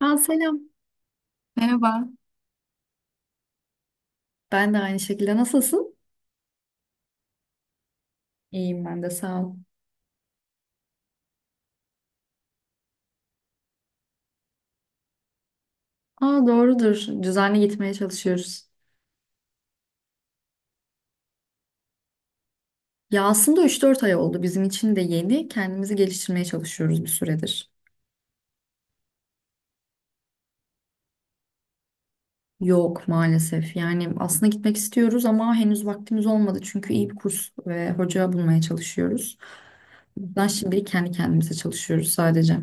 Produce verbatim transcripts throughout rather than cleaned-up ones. Ha selam. Merhaba. Ben de aynı şekilde. Nasılsın? İyiyim ben de sağ ol. Aa doğrudur. Düzenli gitmeye çalışıyoruz. Ya aslında üç dört ay oldu. Bizim için de yeni. Kendimizi geliştirmeye çalışıyoruz bir süredir. Yok maalesef. Yani aslında gitmek istiyoruz ama henüz vaktimiz olmadı. Çünkü iyi bir kurs ve hoca bulmaya çalışıyoruz. Ben şimdilik kendi kendimize çalışıyoruz sadece.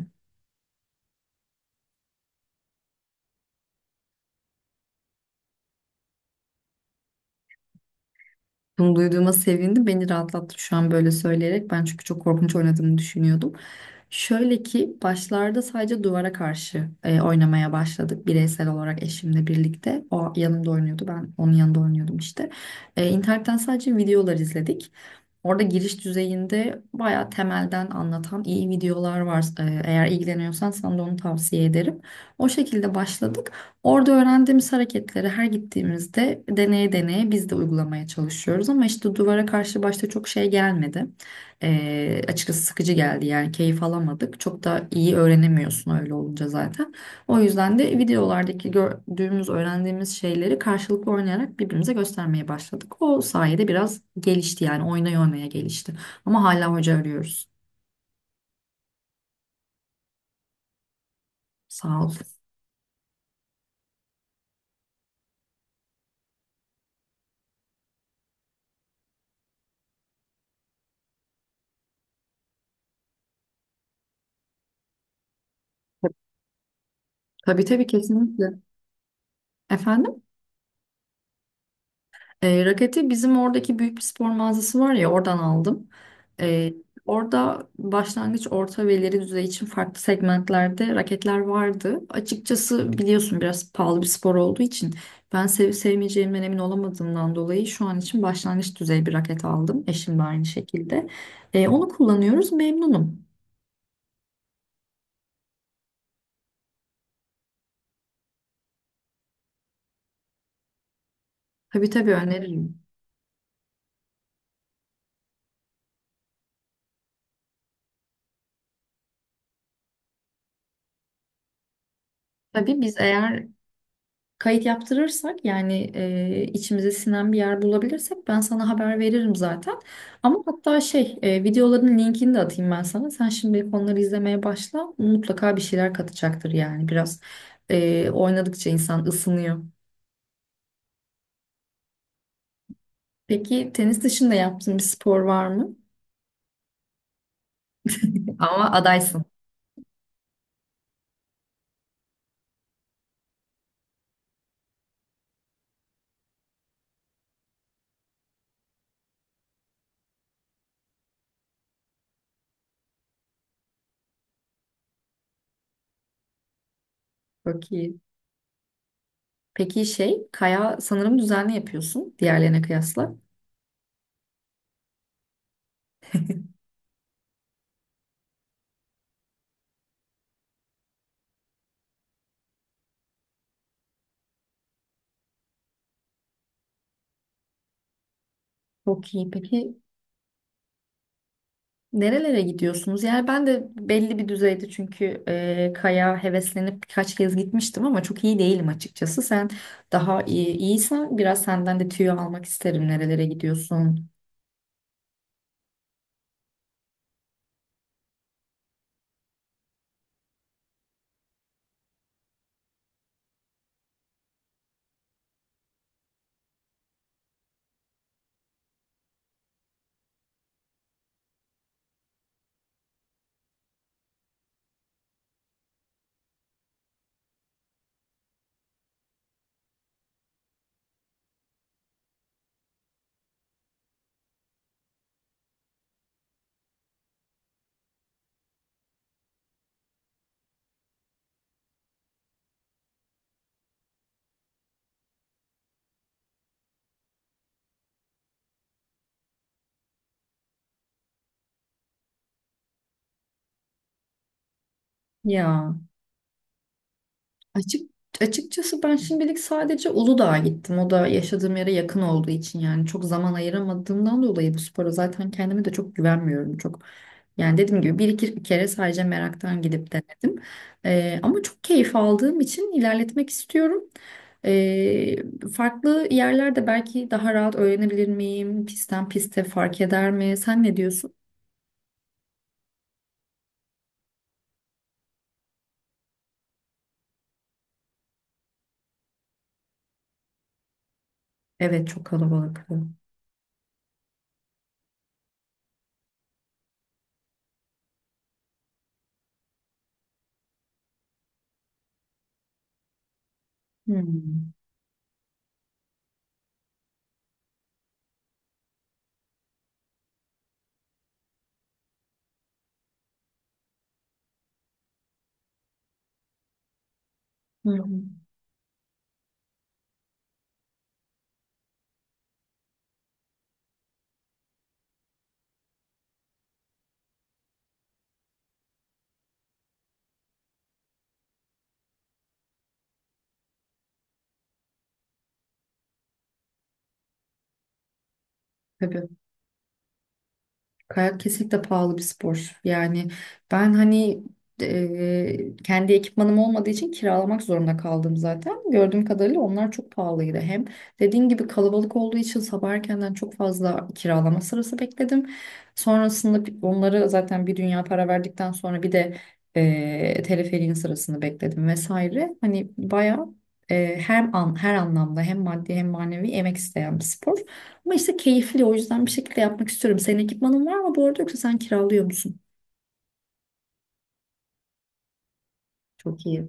Bunu duyduğuma sevindim. Beni rahatlattı şu an böyle söyleyerek. Ben çünkü çok korkunç oynadığımı düşünüyordum. Şöyle ki başlarda sadece duvara karşı e, oynamaya başladık. Bireysel olarak eşimle birlikte. O yanımda oynuyordu. Ben onun yanında oynuyordum işte. E, internetten sadece videolar izledik. Orada giriş düzeyinde bayağı temelden anlatan iyi videolar var. Ee, Eğer ilgileniyorsan sana da onu tavsiye ederim. O şekilde başladık. Orada öğrendiğimiz hareketleri her gittiğimizde deneye deneye biz de uygulamaya çalışıyoruz. Ama işte duvara karşı başta çok şey gelmedi. Ee, açıkçası sıkıcı geldi yani keyif alamadık. Çok da iyi öğrenemiyorsun öyle olunca zaten. O yüzden de videolardaki gördüğümüz, öğrendiğimiz şeyleri karşılıklı oynayarak birbirimize göstermeye başladık. O sayede biraz gelişti yani oynaya oynaya gelişti. Ama hala hoca arıyoruz. Sağ ol. Tabii tabii kesinlikle. Efendim? E, raketi bizim oradaki büyük bir spor mağazası var ya oradan aldım. E, Orada başlangıç, orta ve ileri düzey için farklı segmentlerde raketler vardı. Açıkçası biliyorsun biraz pahalı bir spor olduğu için ben sevip sevmeyeceğimden emin olamadığımdan dolayı şu an için başlangıç düzey bir raket aldım. Eşim de aynı şekilde. E, onu kullanıyoruz memnunum. Tabii tabii öneririm. Tabii biz eğer kayıt yaptırırsak yani e, içimize sinen bir yer bulabilirsek ben sana haber veririm zaten. Ama hatta şey e, videoların linkini de atayım ben sana. Sen şimdi onları izlemeye başla. Mutlaka bir şeyler katacaktır yani biraz e, oynadıkça insan ısınıyor. Peki tenis dışında yaptığın bir spor var mı? Ama adaysın. Çok iyi. Peki şey, kaya sanırım düzenli yapıyorsun diğerlerine kıyasla. Çok iyi. Peki nerelere gidiyorsunuz? Yani ben de belli bir düzeyde çünkü e, kaya heveslenip birkaç kez gitmiştim ama çok iyi değilim açıkçası. Sen daha iyi, iyiysen biraz senden de tüyo almak isterim. Nerelere gidiyorsun? Ya. Açık, açıkçası ben şimdilik sadece Uludağ'a gittim. O da yaşadığım yere yakın olduğu için yani çok zaman ayıramadığımdan dolayı bu spora zaten kendime de çok güvenmiyorum. Çok yani dediğim gibi bir iki kere sadece meraktan gidip denedim. Ee, ama çok keyif aldığım için ilerletmek istiyorum. Ee, farklı yerlerde belki daha rahat öğrenebilir miyim? Pistten piste fark eder mi? Sen ne diyorsun? Evet çok kalabalık. Hmm. Hı hı. Tabii. Kayak kesinlikle pahalı bir spor. Yani ben hani e, kendi ekipmanım olmadığı için kiralamak zorunda kaldım zaten. Gördüğüm kadarıyla onlar çok pahalıydı. Hem dediğim gibi kalabalık olduğu için sabah erkenden çok fazla kiralama sırası bekledim. Sonrasında bir- onları zaten bir dünya para verdikten sonra bir de e, teleferiğin sırasını bekledim vesaire. Hani bayağı e, hem an, her anlamda hem maddi hem manevi emek isteyen bir spor. Ama işte keyifli o yüzden bir şekilde yapmak istiyorum. Senin ekipmanın var mı bu arada yoksa sen kiralıyor musun? Çok iyi.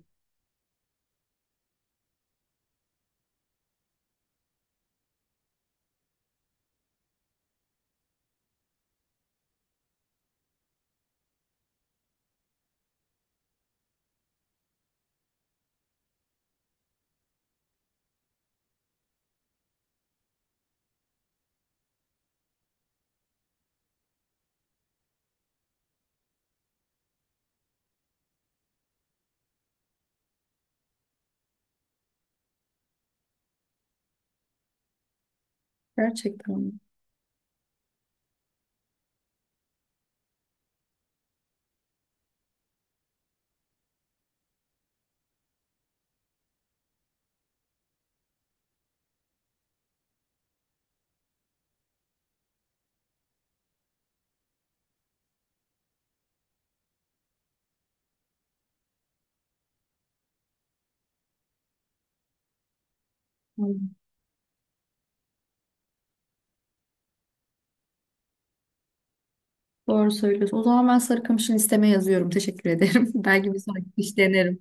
Gerçekten mi? Hı. Doğru söylüyorsun. O zaman ben Sarıkamış'ın listeme yazıyorum. Teşekkür ederim. Belki bir sonraki iş denerim.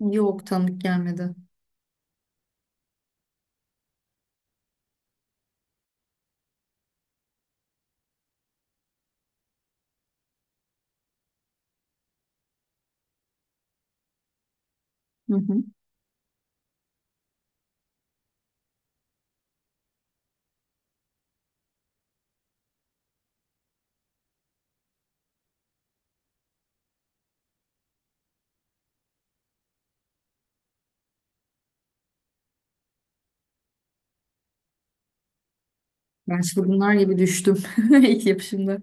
Yok tanıdık gelmedi. Hı hı. Ben şimdi bunlar gibi düştüm ilk yapışımda.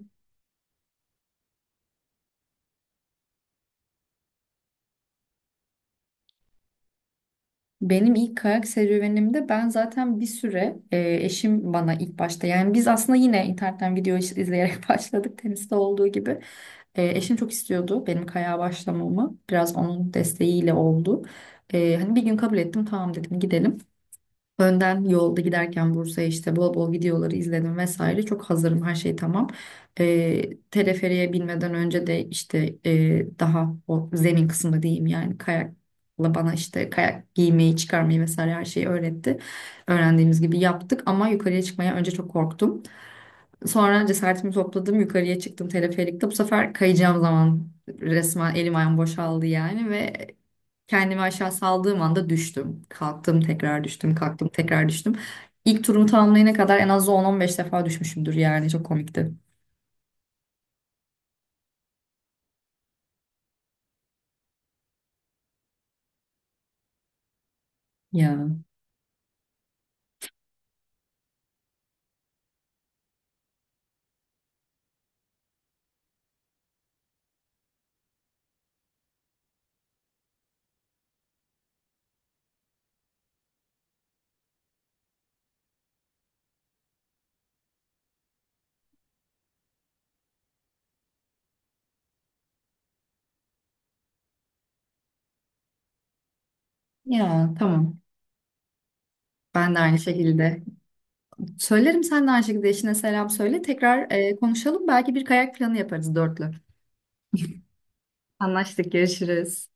Benim ilk kayak serüvenimde ben zaten bir süre e, eşim bana ilk başta yani biz aslında yine internetten video iz- izleyerek başladık teniste olduğu gibi. E, eşim çok istiyordu benim kayağa başlamamı biraz onun desteğiyle oldu. E, hani bir gün kabul ettim tamam dedim gidelim. Önden yolda giderken Bursa'ya işte bol bol videoları izledim vesaire. Çok hazırım her şey tamam. Ee, teleferiğe binmeden önce de işte e, daha o zemin kısmı diyeyim yani kayakla bana işte kayak giymeyi çıkarmayı vesaire her şeyi öğretti. Öğrendiğimiz gibi yaptık ama yukarıya çıkmaya önce çok korktum. Sonra cesaretimi topladım yukarıya çıktım teleferikte. Bu sefer kayacağım zaman resmen elim ayağım boşaldı yani ve kendimi aşağı saldığım anda düştüm. Kalktım tekrar düştüm, kalktım tekrar düştüm. İlk turumu tamamlayana kadar en az on on beş defa düşmüşümdür yani çok komikti. Ya, ya tamam. Ben de aynı şekilde. Söylerim sen de aynı şekilde eşine selam söyle. Tekrar e, konuşalım. Belki bir kayak planı yaparız dörtlü. Anlaştık, görüşürüz.